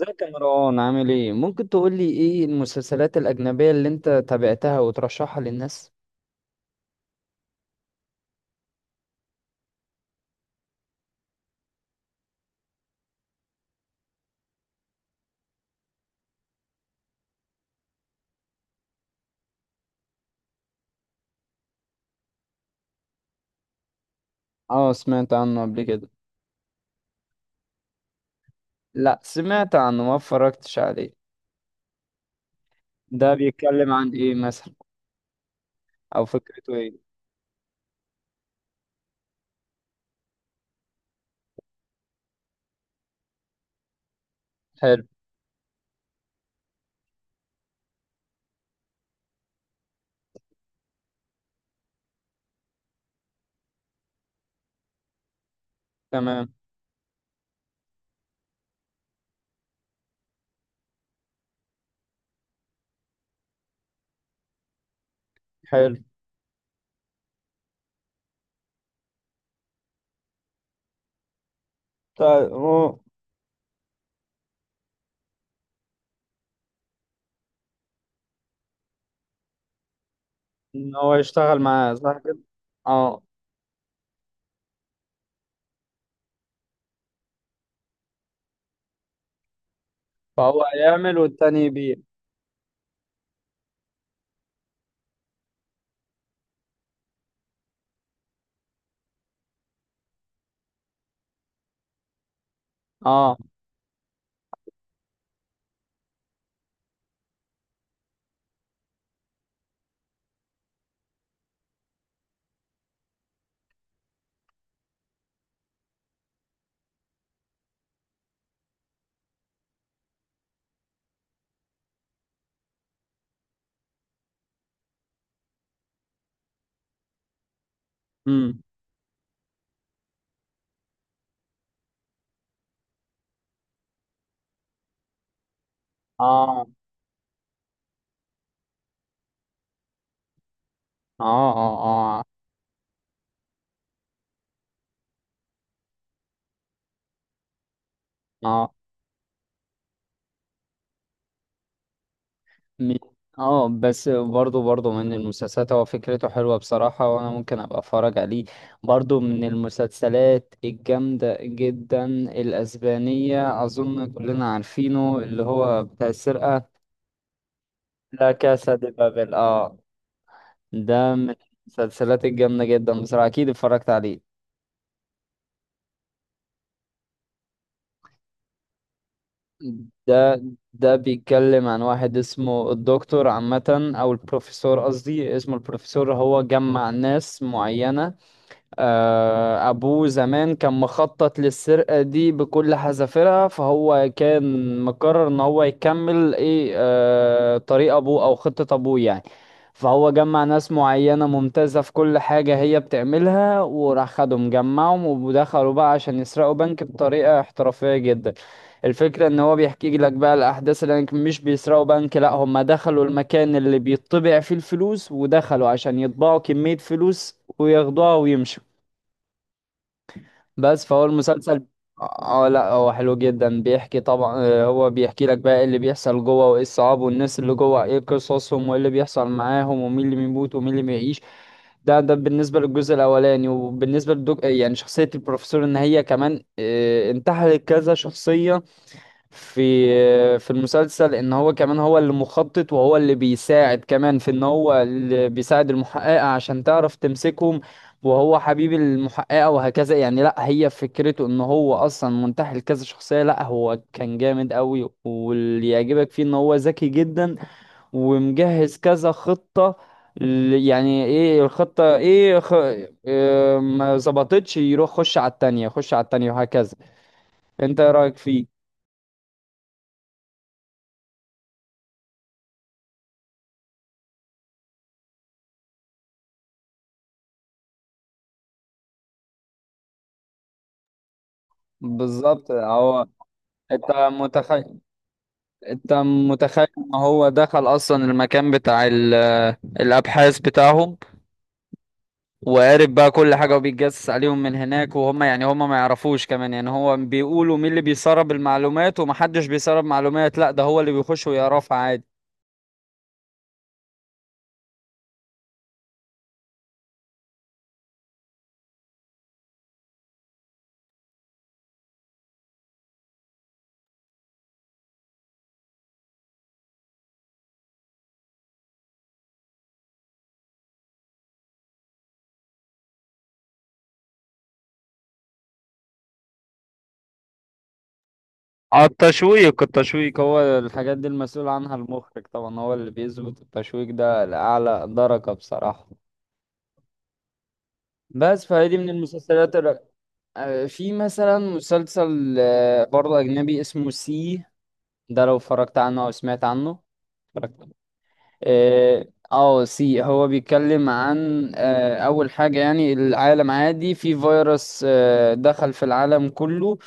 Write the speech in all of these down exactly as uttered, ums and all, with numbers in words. ازيك يا مروان؟ عامل ايه؟ ممكن تقول لي ايه المسلسلات الاجنبيه اللي انت تابعتها وترشحها للناس؟ اه، سمعت عنه قبل كده. لا، سمعت عنه ما اتفرجتش عليه. ده بيتكلم عن ايه مثلا؟ او فكرته ايه؟ حلو. تمام. حلو. طيب. هو ان هو يشتغل معاه، صح كده؟ اه. فهو يعمل والتاني يبيع. اه. امم اه. اه. اه. اه. اه. م- اه. بس، برضو برضو من المسلسلات، هو فكرته حلوة بصراحة، وانا ممكن ابقى اتفرج عليه. برضو من المسلسلات الجامدة جدا الاسبانية، اظن كلنا عارفينه، اللي هو بتاع السرقة. لا، كاسا دي بابل، اه. ده من المسلسلات الجامدة جدا بصراحة. اكيد اتفرجت عليه. ده ده بيتكلم عن واحد اسمه الدكتور عامة، او البروفيسور قصدي، اسمه البروفيسور. هو جمع ناس معينة. آه، أبوه زمان كان مخطط للسرقة دي بكل حذافيرها، فهو كان مقرر إن هو يكمل إيه، آه، طريق أبوه أو خطة أبوه يعني. فهو جمع ناس معينة ممتازة في كل حاجة هي بتعملها، وراح خدهم جمعهم، ودخلوا بقى عشان يسرقوا بنك بطريقة احترافية جدا. الفكرة ان هو بيحكي لك بقى الاحداث اللي هناك، مش بيسرقوا بنك، لا هم دخلوا المكان اللي بيطبع فيه الفلوس، ودخلوا عشان يطبعوا كمية فلوس وياخدوها ويمشوا. بس فهو المسلسل. اه، آه، لا هو حلو جدا. بيحكي طبعا، آه، هو بيحكي لك بقى ايه اللي بيحصل جوه، وايه الصعاب، والناس اللي جوه ايه قصصهم، وايه اللي بيحصل معاهم، ومين اللي بيموت ومين اللي بيعيش. ده ده بالنسبة للجزء الاولاني. وبالنسبة للدك يعني شخصية البروفيسور ان هي كمان آه، انتحلت كذا شخصية. في في المسلسل ان هو كمان، هو اللي مخطط، وهو اللي بيساعد كمان في ان هو اللي بيساعد المحققة عشان تعرف تمسكهم. وهو حبيب المحققة وهكذا يعني. لا، هي فكرته ان هو اصلا منتحل كذا شخصية. لا، هو كان جامد قوي. واللي يعجبك فيه ان هو ذكي جدا ومجهز كذا خطة. ل- يعني ايه الخطة؟ ايه خ... إيه ما ظبطتش، يروح خش على التانية، خش على التانية، وهكذا. انت ايه رأيك فيه؟ بالظبط هو. انت متخيل انت متخيل ان هو دخل اصلا المكان بتاع ال... آه، الابحاث بتاعهم، وقارب بقى كل حاجه وبيتجسس عليهم من هناك. وهم يعني هم ما يعرفوش كمان. يعني هو بيقولوا مين اللي بيسرب المعلومات، ومحدش بيسرب معلومات، لا ده هو اللي بيخش ويعرفها عادي. اه، التشويق التشويق هو الحاجات دي المسؤول عنها المخرج طبعا. هو اللي بيظبط التشويق ده لأعلى درجة بصراحة. بس فهي دي من المسلسلات. آه، في مثلا مسلسل آه، برضه أجنبي اسمه سي. ده لو اتفرجت عنه أو سمعت عنه؟ اتفرجت عليه. اه. آه، سي هو بيتكلم عن آه، أول حاجة يعني العالم عادي، في فيروس آه، دخل في العالم كله،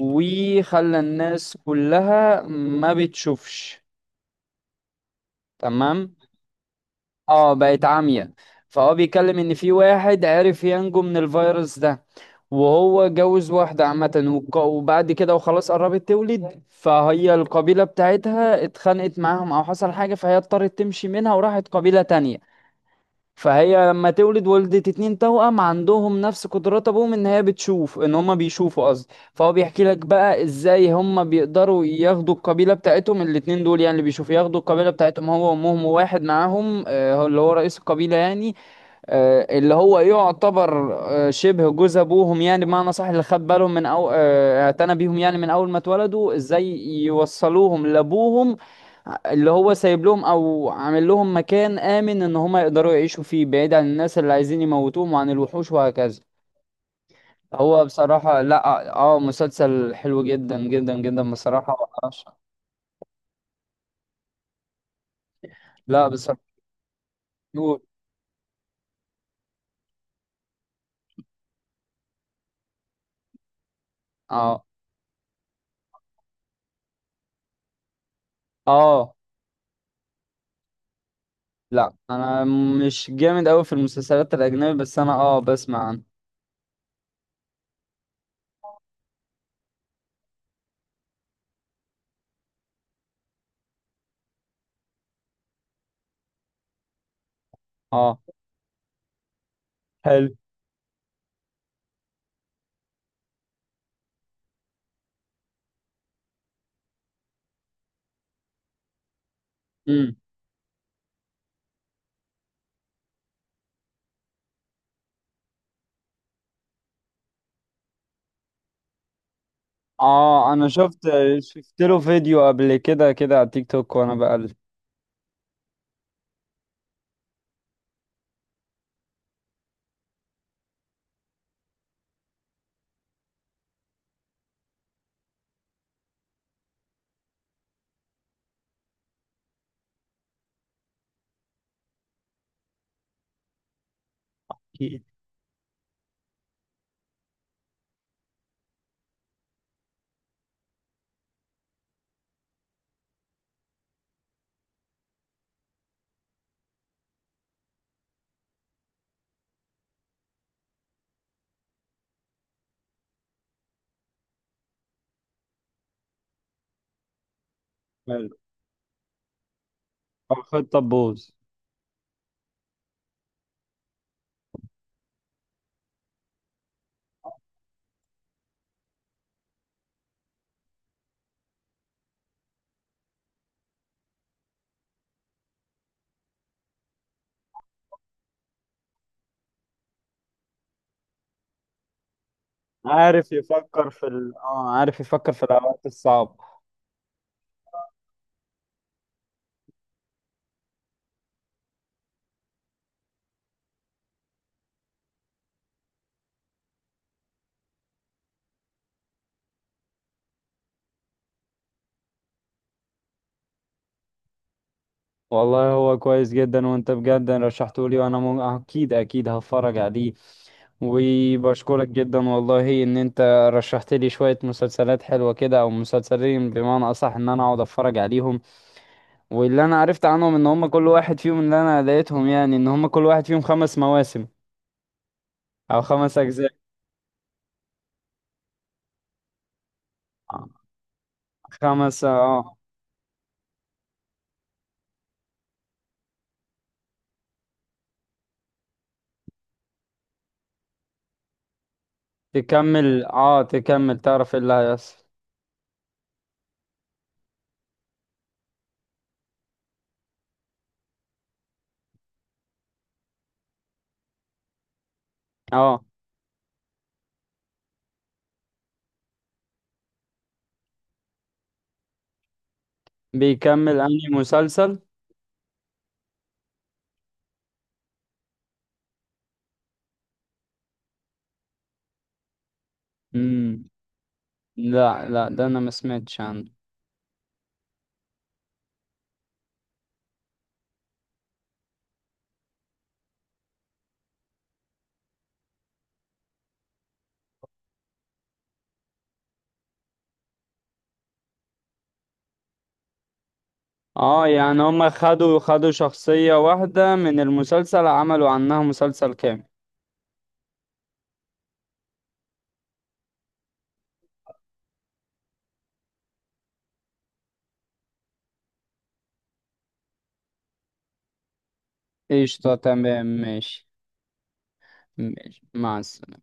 وخلى الناس كلها ما بتشوفش. تمام. اه، بقت عامية. فهو بيتكلم ان في واحد عرف ينجو من الفيروس ده، وهو جوز واحدة عامة، وك- وبعد كده وخلاص قربت تولد، فهي القبيلة بتاعتها اتخانقت معاهم او حصل حاجة، فهي اضطرت تمشي منها وراحت قبيلة تانية. فهي لما تولد ولدت اتنين توأم، عندهم نفس قدرات ابوهم، ان هي بتشوف، ان هما بيشوفوا قصدي. فهو بيحكي لك بقى ازاي هما بيقدروا ياخدوا القبيلة بتاعتهم الاتنين دول، يعني اللي بيشوفوا ياخدوا القبيلة بتاعتهم هو وامهم، وواحد معاهم آه، هو اللي هو رئيس القبيلة يعني. آه، اللي هو يعتبر آه، شبه جوز ابوهم يعني بمعنى صح، اللي خد بالهم من، او آه، اعتنى بيهم يعني من اول ما اتولدوا، ازاي يوصلوهم لابوهم اللي هو سايب لهم او عامل لهم مكان امن ان هم يقدروا يعيشوا فيه، بعيد عن الناس اللي عايزين يموتوهم وعن الوحوش وهكذا. هو بصراحة، لا، اه مسلسل حلو جدا جدا جدا بصراحة وأرشح- لا بصراحة. نور. اه. اه. لا، انا مش جامد قوي في المسلسلات الاجنبي، بس انا اه بسمع عنه. اه. حلو. امم اه. انا شفت شفت له فيديو قبل كده كده على تيك توك وانا بقلب. حلو. آه، خد طبوز. عارف يفكر في ال... اه عارف يفكر في الأوقات الصعبة. والله هو كويس جدا، وانت بجد رشحته لي، وانا م... اكيد اكيد هتفرج عليه. وبشكرك جدا والله ان انت رشحت لي شوية مسلسلات حلوة كده، او مسلسلين بمعنى اصح، ان انا اقعد اتفرج عليهم. واللي انا عرفت عنهم ان هم كل واحد فيهم، اللي انا لقيتهم يعني ان هم كل واحد فيهم خمس مواسم، او خمس اجزاء. خمس، اه. تكمل اه تكمل، تعرف ايه اللي هيحصل. اه. بيكمل انهي مسلسل؟ امم لا لا، ده انا ما سمعتش عنه. اه. يعني هما خدوا خدوا شخصية واحدة من المسلسل، عملوا عنها مسلسل كامل. قشطة. تمام. ماشي. ماشي، مع السلامة.